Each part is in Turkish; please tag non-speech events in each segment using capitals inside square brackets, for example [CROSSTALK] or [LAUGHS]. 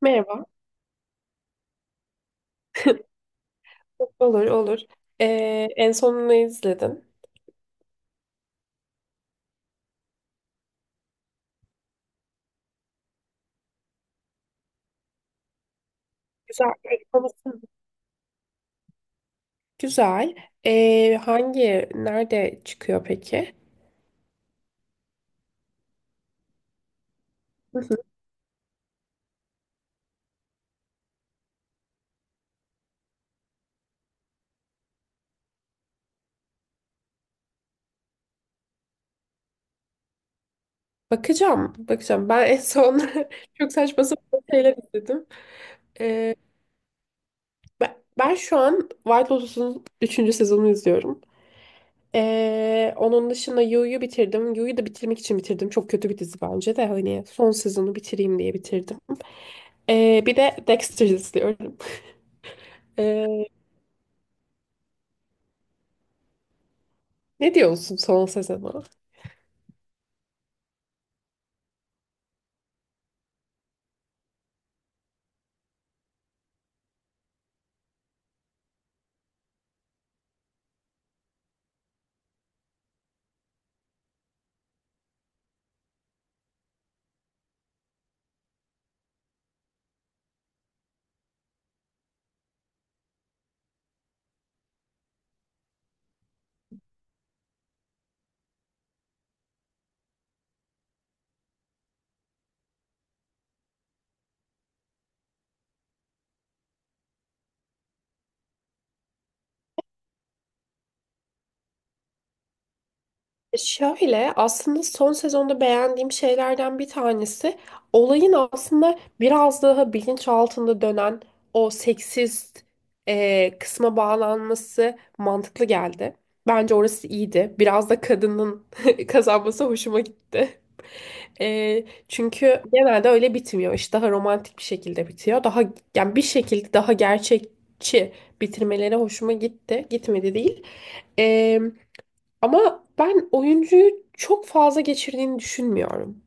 Merhaba. Olur, olur. En son ne izledin? Güzel. Peki konusu ne? Güzel. Nerede çıkıyor peki? Hı hı. Bakacağım, bakacağım. Ben en son [LAUGHS] çok saçma sapan şeyler izledim. Ee, ben şu an White Lotus'un üçüncü sezonunu izliyorum. Onun dışında Yu'yu bitirdim. Yu'yu da bitirmek için bitirdim. Çok kötü bir dizi bence de hani son sezonu bitireyim diye bitirdim. Bir de Dexter izliyorum. Ne diyorsun son sezona? Şöyle aslında son sezonda beğendiğim şeylerden bir tanesi, olayın aslında biraz daha bilinç altında dönen o seksist kısma bağlanması mantıklı geldi. Bence orası iyiydi. Biraz da kadının [LAUGHS] kazanması hoşuma gitti. [LAUGHS] Çünkü genelde öyle bitmiyor. İş daha romantik bir şekilde bitiyor. Daha yani bir şekilde daha gerçekçi bitirmeleri hoşuma gitti. Gitmedi değil. Ama ben oyuncuyu çok fazla geçirdiğini düşünmüyorum.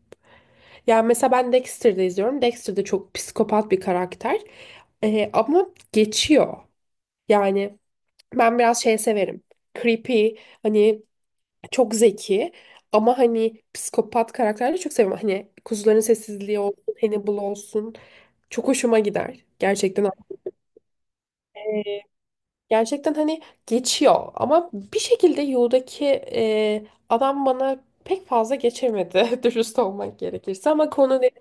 Yani mesela ben Dexter'da izliyorum. Dexter de çok psikopat bir karakter. Ama geçiyor. Yani ben biraz şey severim. Creepy, hani çok zeki ama hani psikopat karakterleri çok seviyorum. Hani Kuzuların Sessizliği olsun, Hannibal olsun. Çok hoşuma gider. Gerçekten. Gerçekten hani geçiyor ama bir şekilde Yu'daki adam bana pek fazla geçemedi [LAUGHS] dürüst olmak gerekirse ama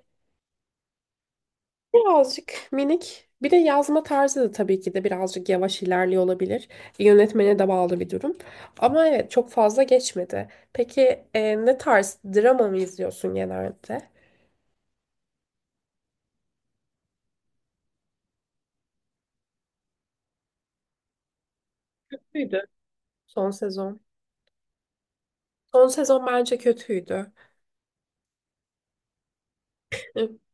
birazcık minik bir de yazma tarzı da tabii ki de birazcık yavaş ilerliyor olabilir. Yönetmene de bağlı bir durum ama evet çok fazla geçmedi. Peki ne tarz drama mı izliyorsun genelde? Kötüydü son sezon. Son sezon bence kötüydü. [LAUGHS]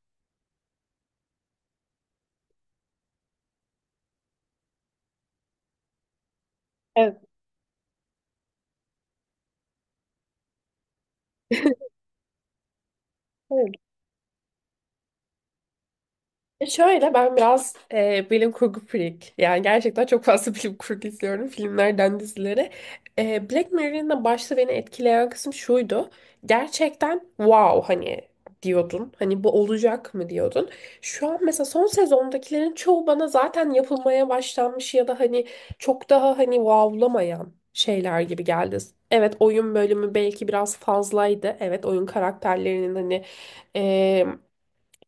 Evet. [LAUGHS] Şöyle ben biraz bilim kurgu freak. Yani gerçekten çok fazla [LAUGHS] bilim kurgu izliyorum, filmlerden dizilere. Black Mirror'ın da başta beni etkileyen kısım şuydu. Gerçekten wow hani diyordun. Hani bu olacak mı diyordun. Şu an mesela son sezondakilerin çoğu bana zaten yapılmaya başlanmış ya da hani çok daha hani wowlamayan şeyler gibi geldi. Evet, oyun bölümü belki biraz fazlaydı. Evet, oyun karakterlerinin hani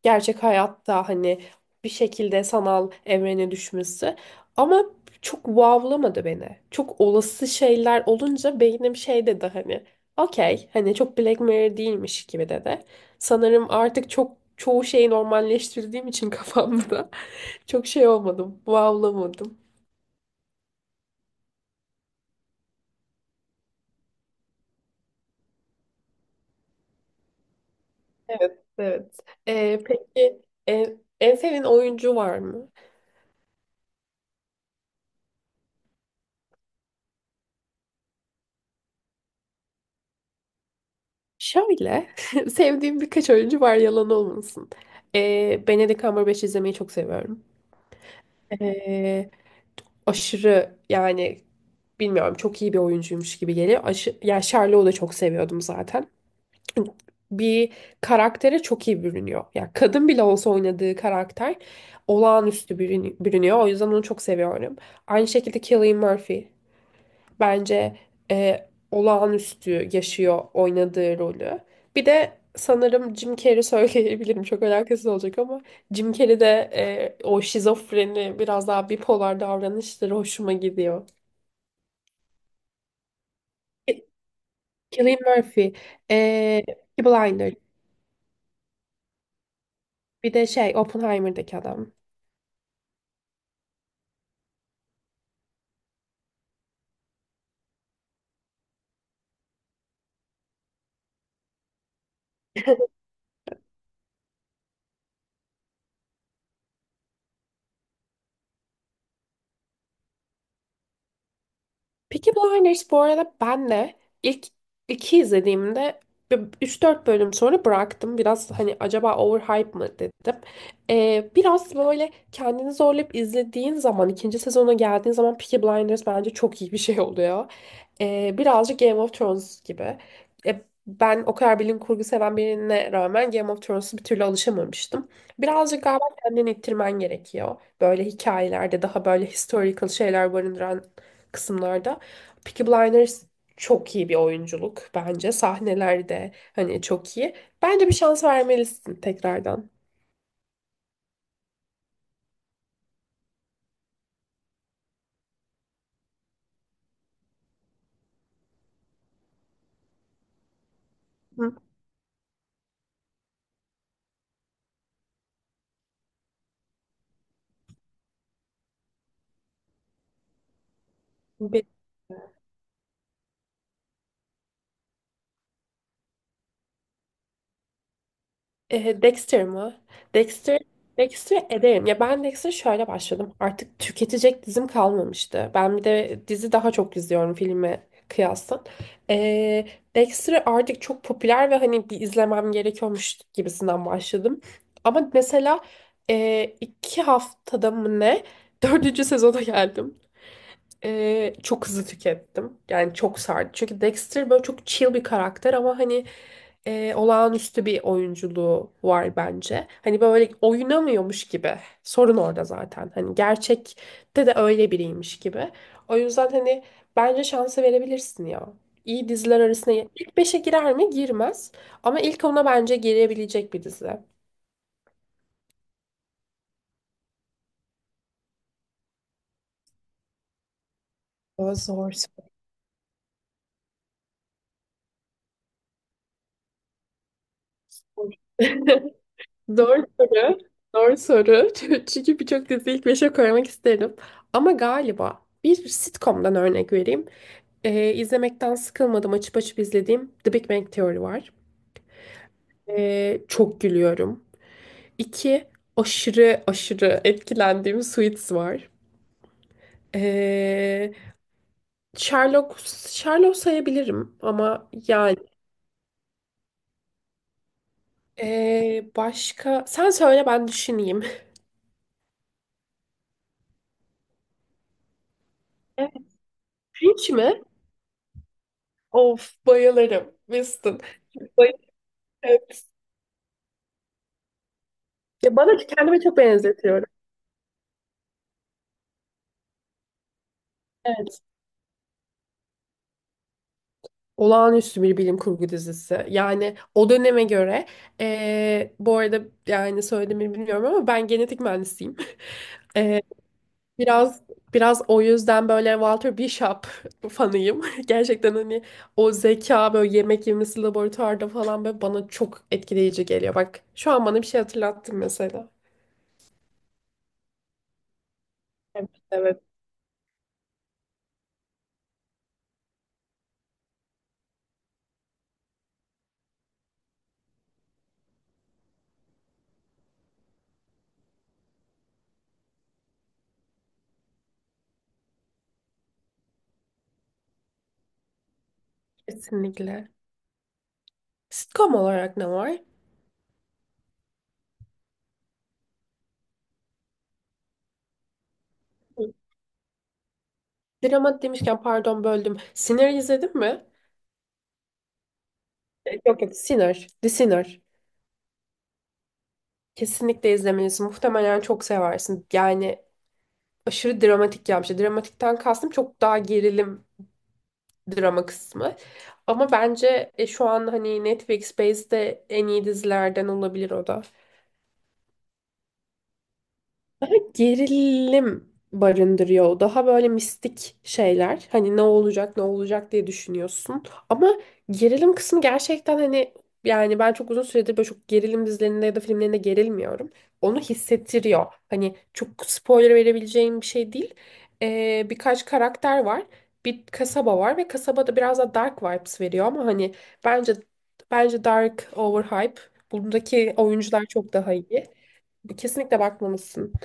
gerçek hayatta hani bir şekilde sanal evrene düşmesi. Ama çok wowlamadı beni. Çok olası şeyler olunca beynim şey dedi, hani okey hani çok Black Mirror değilmiş gibi dedi. Sanırım artık çok çoğu şeyi normalleştirdiğim için kafamda [LAUGHS] çok şey olmadım, wowlamadım. Evet, evet. Peki, en sevdiğin oyuncu var mı? Şöyle, [LAUGHS] sevdiğim birkaç oyuncu var, yalan olmasın. Benedict Cumberbatch izlemeyi çok seviyorum. Ee, Aşırı yani bilmiyorum, çok iyi bir oyuncuymuş gibi geliyor. Ya Sherlock'u da çok seviyordum zaten. [CLEARS THROAT] Bir karaktere çok iyi bürünüyor. Ya kadın bile olsa oynadığı karakter olağanüstü bürünüyor. O yüzden onu çok seviyorum. Aynı şekilde Cillian Murphy bence olağanüstü yaşıyor oynadığı rolü. Bir de sanırım Jim Carrey [LAUGHS] söyleyebilirim. Çok alakasız olacak ama Jim Carrey'de o şizofreni biraz daha bipolar davranışları hoşuma gidiyor. Ki- Cillian Murphy, e, Peaky Blinders, bir de şey, Oppenheimer'daki adam. [LAUGHS] Peaky Blinders bu arada ben de ilk iki izlediğimde üç dört bölüm sonra bıraktım. Biraz hani acaba overhype mı dedim. Biraz böyle kendini zorlayıp izlediğin zaman, ikinci sezona geldiğin zaman, Peaky Blinders bence çok iyi bir şey oluyor. Birazcık Game of Thrones gibi. E, Ben o kadar bilim kurgu seven birine rağmen Game of Thrones'a bir türlü alışamamıştım. Birazcık galiba kendini ittirmen gerekiyor. Böyle hikayelerde, daha böyle historical şeyler barındıran kısımlarda. Peaky Blinders çok iyi bir oyunculuk bence. Sahnelerde hani çok iyi. Bence bir şans vermelisin tekrardan. Hı. Be- Dexter mı? Dexter Dexter ederim. Ya ben Dexter şöyle başladım. Artık tüketecek dizim kalmamıştı. Ben bir de dizi daha çok izliyorum filme kıyasla. E, Dexter artık çok popüler ve hani bir izlemem gerekiyormuş gibisinden başladım. Ama mesela iki haftada mı ne? Dördüncü sezona geldim. Çok hızlı tükettim. Yani çok sardı. Çünkü Dexter böyle çok chill bir karakter ama hani olağanüstü bir oyunculuğu var bence. Hani böyle oynamıyormuş gibi. Sorun orada zaten. Hani gerçekte de öyle biriymiş gibi. O yüzden hani bence şansı verebilirsin ya. İyi diziler arasına ilk beşe girer mi? Girmez. Ama ilk ona bence girebilecek bir dizi. O zor. Zor. [LAUGHS] Zor soru. Zor soru. [LAUGHS] Çünkü birçok diziyi ilk beşe koymak isterim. Ama galiba bir sitcom'dan örnek vereyim. İzlemekten sıkılmadım. Açıp açıp izlediğim The Big Bang Theory var. Çok gülüyorum. İki, aşırı aşırı etkilendiğim Suits var. Ee, Sherlock, Sherlock sayabilirim ama yani başka... Sen söyle ben düşüneyim. [LAUGHS] Evet. Fringe mi? Of, bayılırım. Winston. Bayılırım. Ya, bana kendime çok benzetiyorum. Evet. Olağanüstü bir bilim kurgu dizisi. Yani o döneme göre bu arada yani söylediğimi bilmiyorum ama ben genetik mühendisiyim. [LAUGHS] Eee, biraz biraz o yüzden böyle Walter Bishop fanıyım. [LAUGHS] Gerçekten hani o zeka, böyle yemek yemesi laboratuvarda falan, böyle bana çok etkileyici geliyor. Bak şu an bana bir şey hatırlattın mesela. Evet, evet. Kesinlikle. Sitcom olarak ne var? Dramat demişken, pardon böldüm. Sinner izledin mi? Yok yok, Sinner. The Sinner. Kesinlikle izlemelisin. Muhtemelen çok seversin. Yani aşırı dramatik yapmış. Dramatikten kastım çok daha gerilim drama kısmı. Ama bence şu an hani Netflix Space'de en iyi dizilerden olabilir o da. Daha gerilim barındırıyor o. Daha böyle mistik şeyler. Hani ne olacak ne olacak diye düşünüyorsun. Ama gerilim kısmı gerçekten hani, yani ben çok uzun süredir böyle çok gerilim dizilerinde ya da filmlerinde gerilmiyorum. Onu hissettiriyor. Hani çok spoiler verebileceğim bir şey değil. Birkaç karakter var. Bir kasaba var ve kasabada biraz da dark vibes veriyor ama hani bence, dark overhype. Bundaki oyuncular çok daha iyi. Kesinlikle bakmalısın.